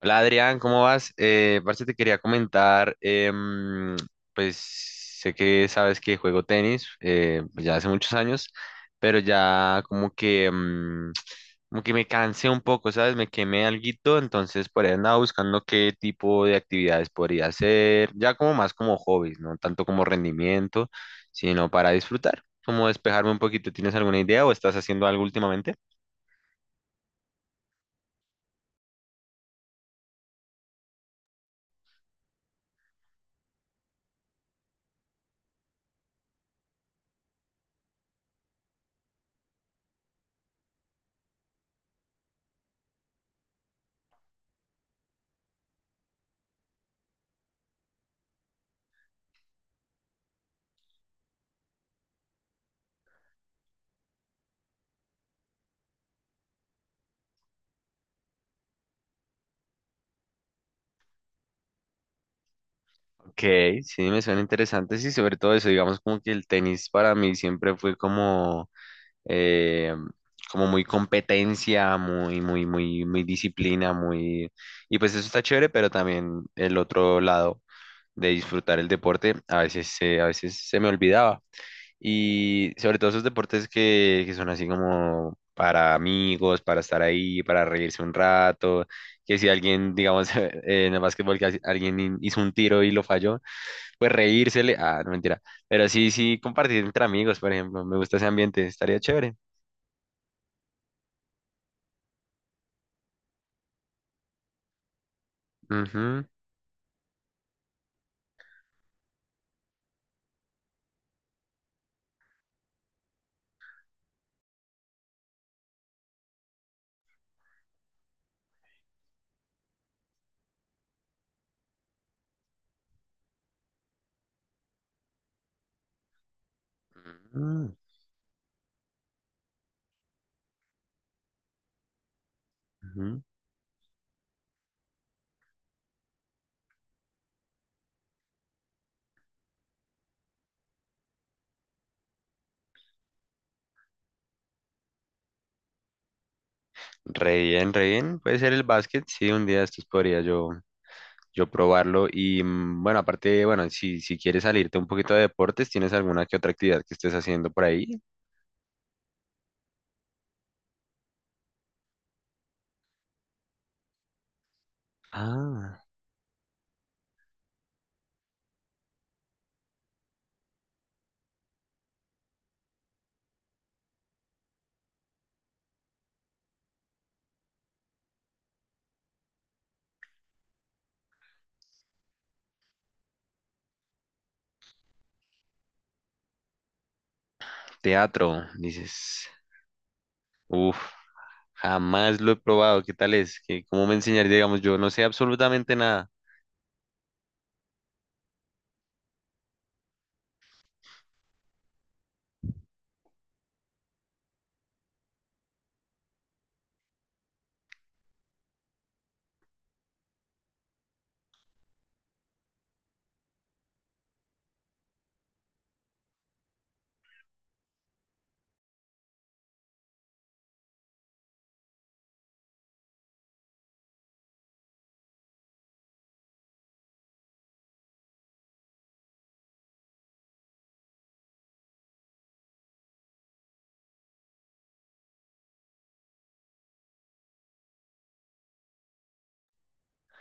Hola Adrián, ¿cómo vas? Parce, te quería comentar. Pues sé que sabes que juego tenis pues, ya hace muchos años, pero ya como que, como que me cansé un poco, ¿sabes? Me quemé alguito, entonces por ahí andaba buscando qué tipo de actividades podría hacer, ya como más como hobbies, no tanto como rendimiento, sino para disfrutar, como despejarme un poquito. ¿Tienes alguna idea o estás haciendo algo últimamente? Ok, sí, me suena interesante, sí, sobre todo eso, digamos como que el tenis para mí siempre fue como, eh, como muy competencia, muy, muy, muy disciplina, muy, y pues eso está chévere, pero también el otro lado de disfrutar el deporte, a veces, a veces se me olvidaba, y sobre todo esos deportes que son así como para amigos, para estar ahí, para reírse un rato, que si alguien, digamos, en el básquetbol, que alguien hizo un tiro y lo falló, pues reírsele. Ah, no mentira. Pero sí, sí, compartir entre amigos, por ejemplo. Me gusta ese ambiente, estaría chévere. Ujú, ujú, ujú. Re bien, re bien. Puede ser el básquet, sí, un día de estos yo probarlo. Y mm, bueno, aparte, bueno, si, si quieres salirte un poquito de deportes, ¿tienes alguna que otra actividad que estés haciendo por ahí? Ah, teatro, dices. Uf, jamás lo he probado. ¿Qué tal es? ¿Cómo me enseñaría? Digamos, yo no sé absolutamente nada.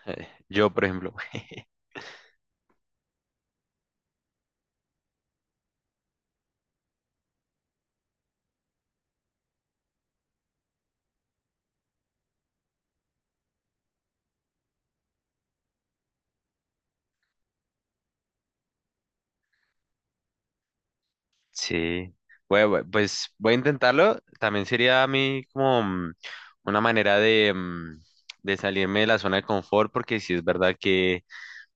Yo, por ejemplo. Sí, bueno, bueno, pues voy a intentarlo. También sería a mí como mm, una manera de, mm, de salirme de la zona de confort, porque sí es verdad que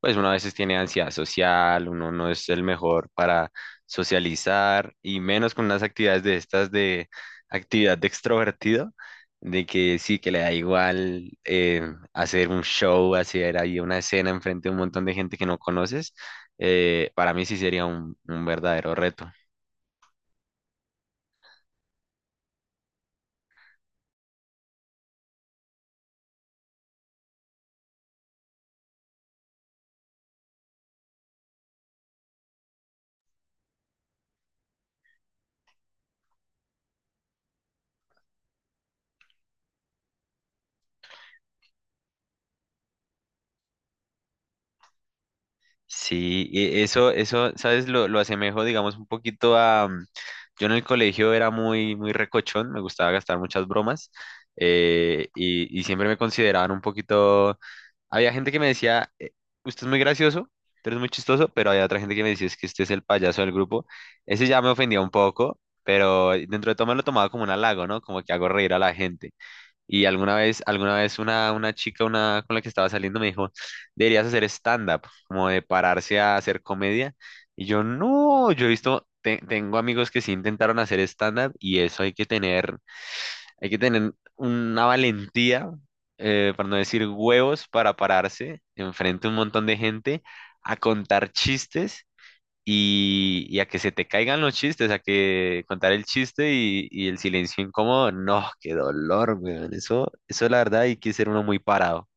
pues uno a veces tiene ansiedad social, uno no es el mejor para socializar y menos con unas actividades de estas de actividad de extrovertido, de que sí, que le da igual hacer un show, hacer ahí una escena enfrente de un montón de gente que no conoces. Para mí sí sería un verdadero reto. Sí, y eso, ¿sabes? Lo asemejo, digamos, un poquito a mm, yo en el colegio era muy, muy recochón, me gustaba gastar muchas bromas y siempre me consideraban un poquito... Había gente que me decía, usted es muy gracioso, usted es muy chistoso", pero había otra gente que me decía, es que usted es el payaso del grupo. Ese ya me ofendía un poco, pero dentro de todo me lo tomaba como un halago, ¿no? Como que hago reír a la gente. Y alguna vez, alguna una chica una, con la que estaba saliendo me dijo, deberías hacer stand-up, como de pararse a hacer comedia. Y yo, no, yo he visto, tengo amigos que sí intentaron hacer stand-up y eso hay que hay que tener una valentía, para no decir huevos, para pararse enfrente a un montón de gente a contar chistes y a que se te caigan los chistes, a que contar el chiste y el silencio incómodo, no, qué dolor, weón. Eso la verdad hay que ser uno muy parado.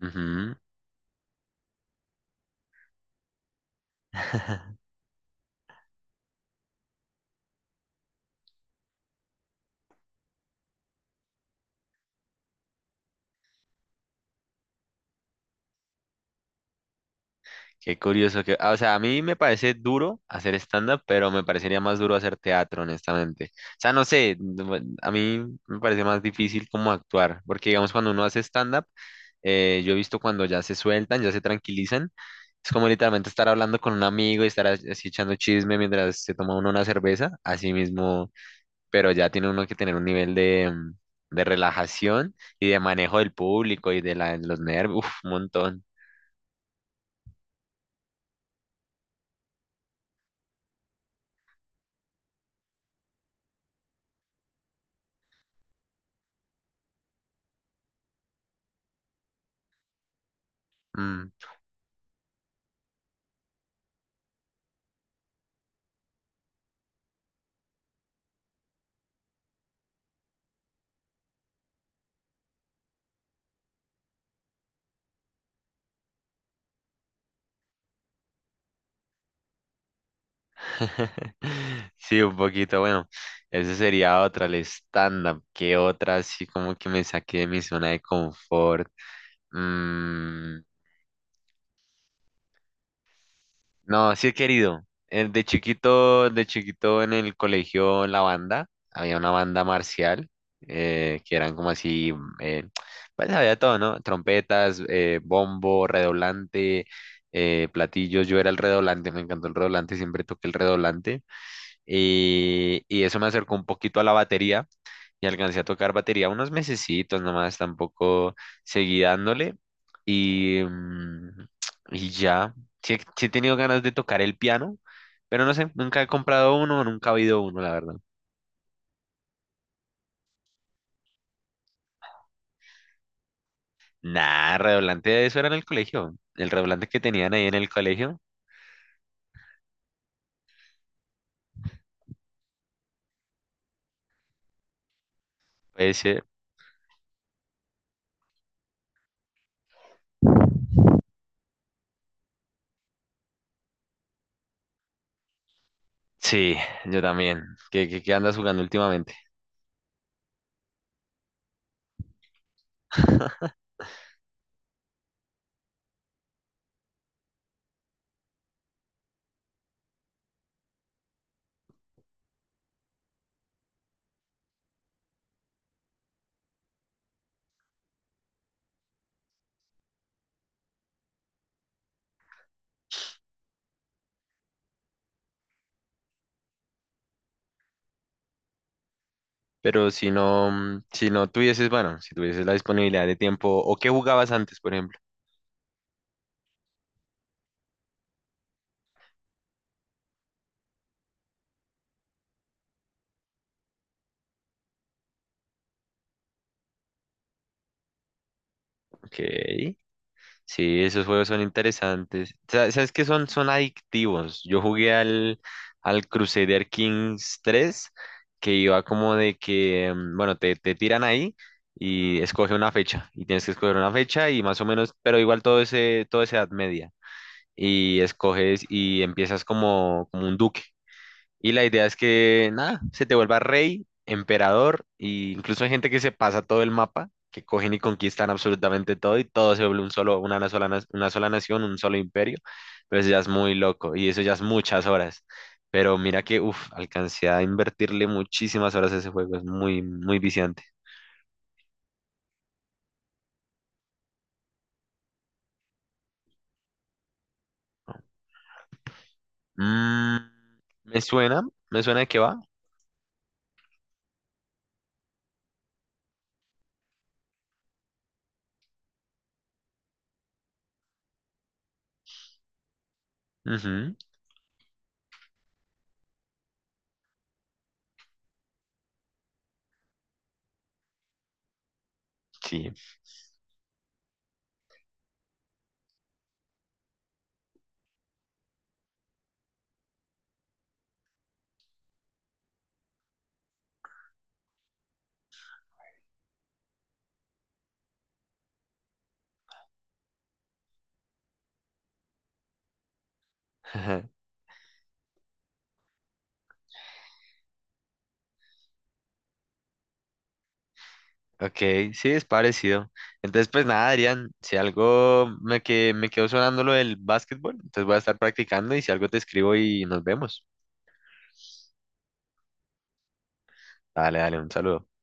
Ujú. Qué curioso que, ah, o sea, a mí me parece duro hacer stand-up, pero me parecería más duro hacer teatro, honestamente. O sea, no sé, no, a mí me parece más difícil como actuar, porque digamos cuando uno hace stand-up, yo he visto cuando ya se sueltan, ya se tranquilizan. Es como literalmente estar hablando con un amigo y estar así echando chisme mientras se toma uno una cerveza, así mismo, pero ya tiene uno que tener un nivel de, mm, de relajación y de manejo del público y de los nervios, uf, un montón. Mm. Sí, un poquito, bueno, esa sería otra, el stand-up, ¿qué otra así como que me saqué de mi zona de confort? Mm, no, sí he querido. De chiquito en el colegio, la banda, había una banda marcial, que eran como así, mm, pues había todo, ¿no? Trompetas, bombo, redoblante, platillos. Yo era el redoblante, me encantó el redoblante, siempre toqué el redoblante. Y eso me acercó un poquito a la batería y alcancé a tocar batería unos mesecitos nomás, tampoco seguí dándole y, mm, y ya, sí he tenido ganas de tocar el piano, pero no sé, nunca he comprado uno, nunca he oído uno, la verdad. Nah, redoblante de eso era en el colegio, el redoblante que tenían ahí en el colegio, ese, sí, yo también, ¿qué, qué, qué andas jugando últimamente? Pero si no, mm, si no tuvieses, bueno, si tuvieses la disponibilidad de tiempo, ¿o qué jugabas antes, por ejemplo? Ok. Sí, esos juegos son interesantes. ¿Sabes qué son? Son adictivos. Yo jugué al Crusader Kings 3, que iba como de que, mm, bueno, te tiran ahí y escoge una fecha. Y tienes que escoger una fecha y más o menos, pero igual todo ese, todo esa edad media. Y escoges y empiezas como, como un duque. Y la idea es que, nada, se te vuelva rey, emperador, e incluso hay gente que se pasa todo el mapa, que cogen y conquistan absolutamente todo y todo se vuelve un solo, una, sola, una sola nación, un solo imperio. Pero eso ya es muy loco y eso ya es muchas horas. Pero mira que, uff, alcancé a invertirle muchísimas horas a ese juego, es muy, muy viciante. Mm, me suena, me suena de qué va. Ujú, sí. Ok, sí, es parecido. Entonces, pues nada, Adrián, si algo me quedó sonando lo del básquetbol, entonces voy a estar practicando y si algo te escribo y nos vemos. Dale, dale, un saludo.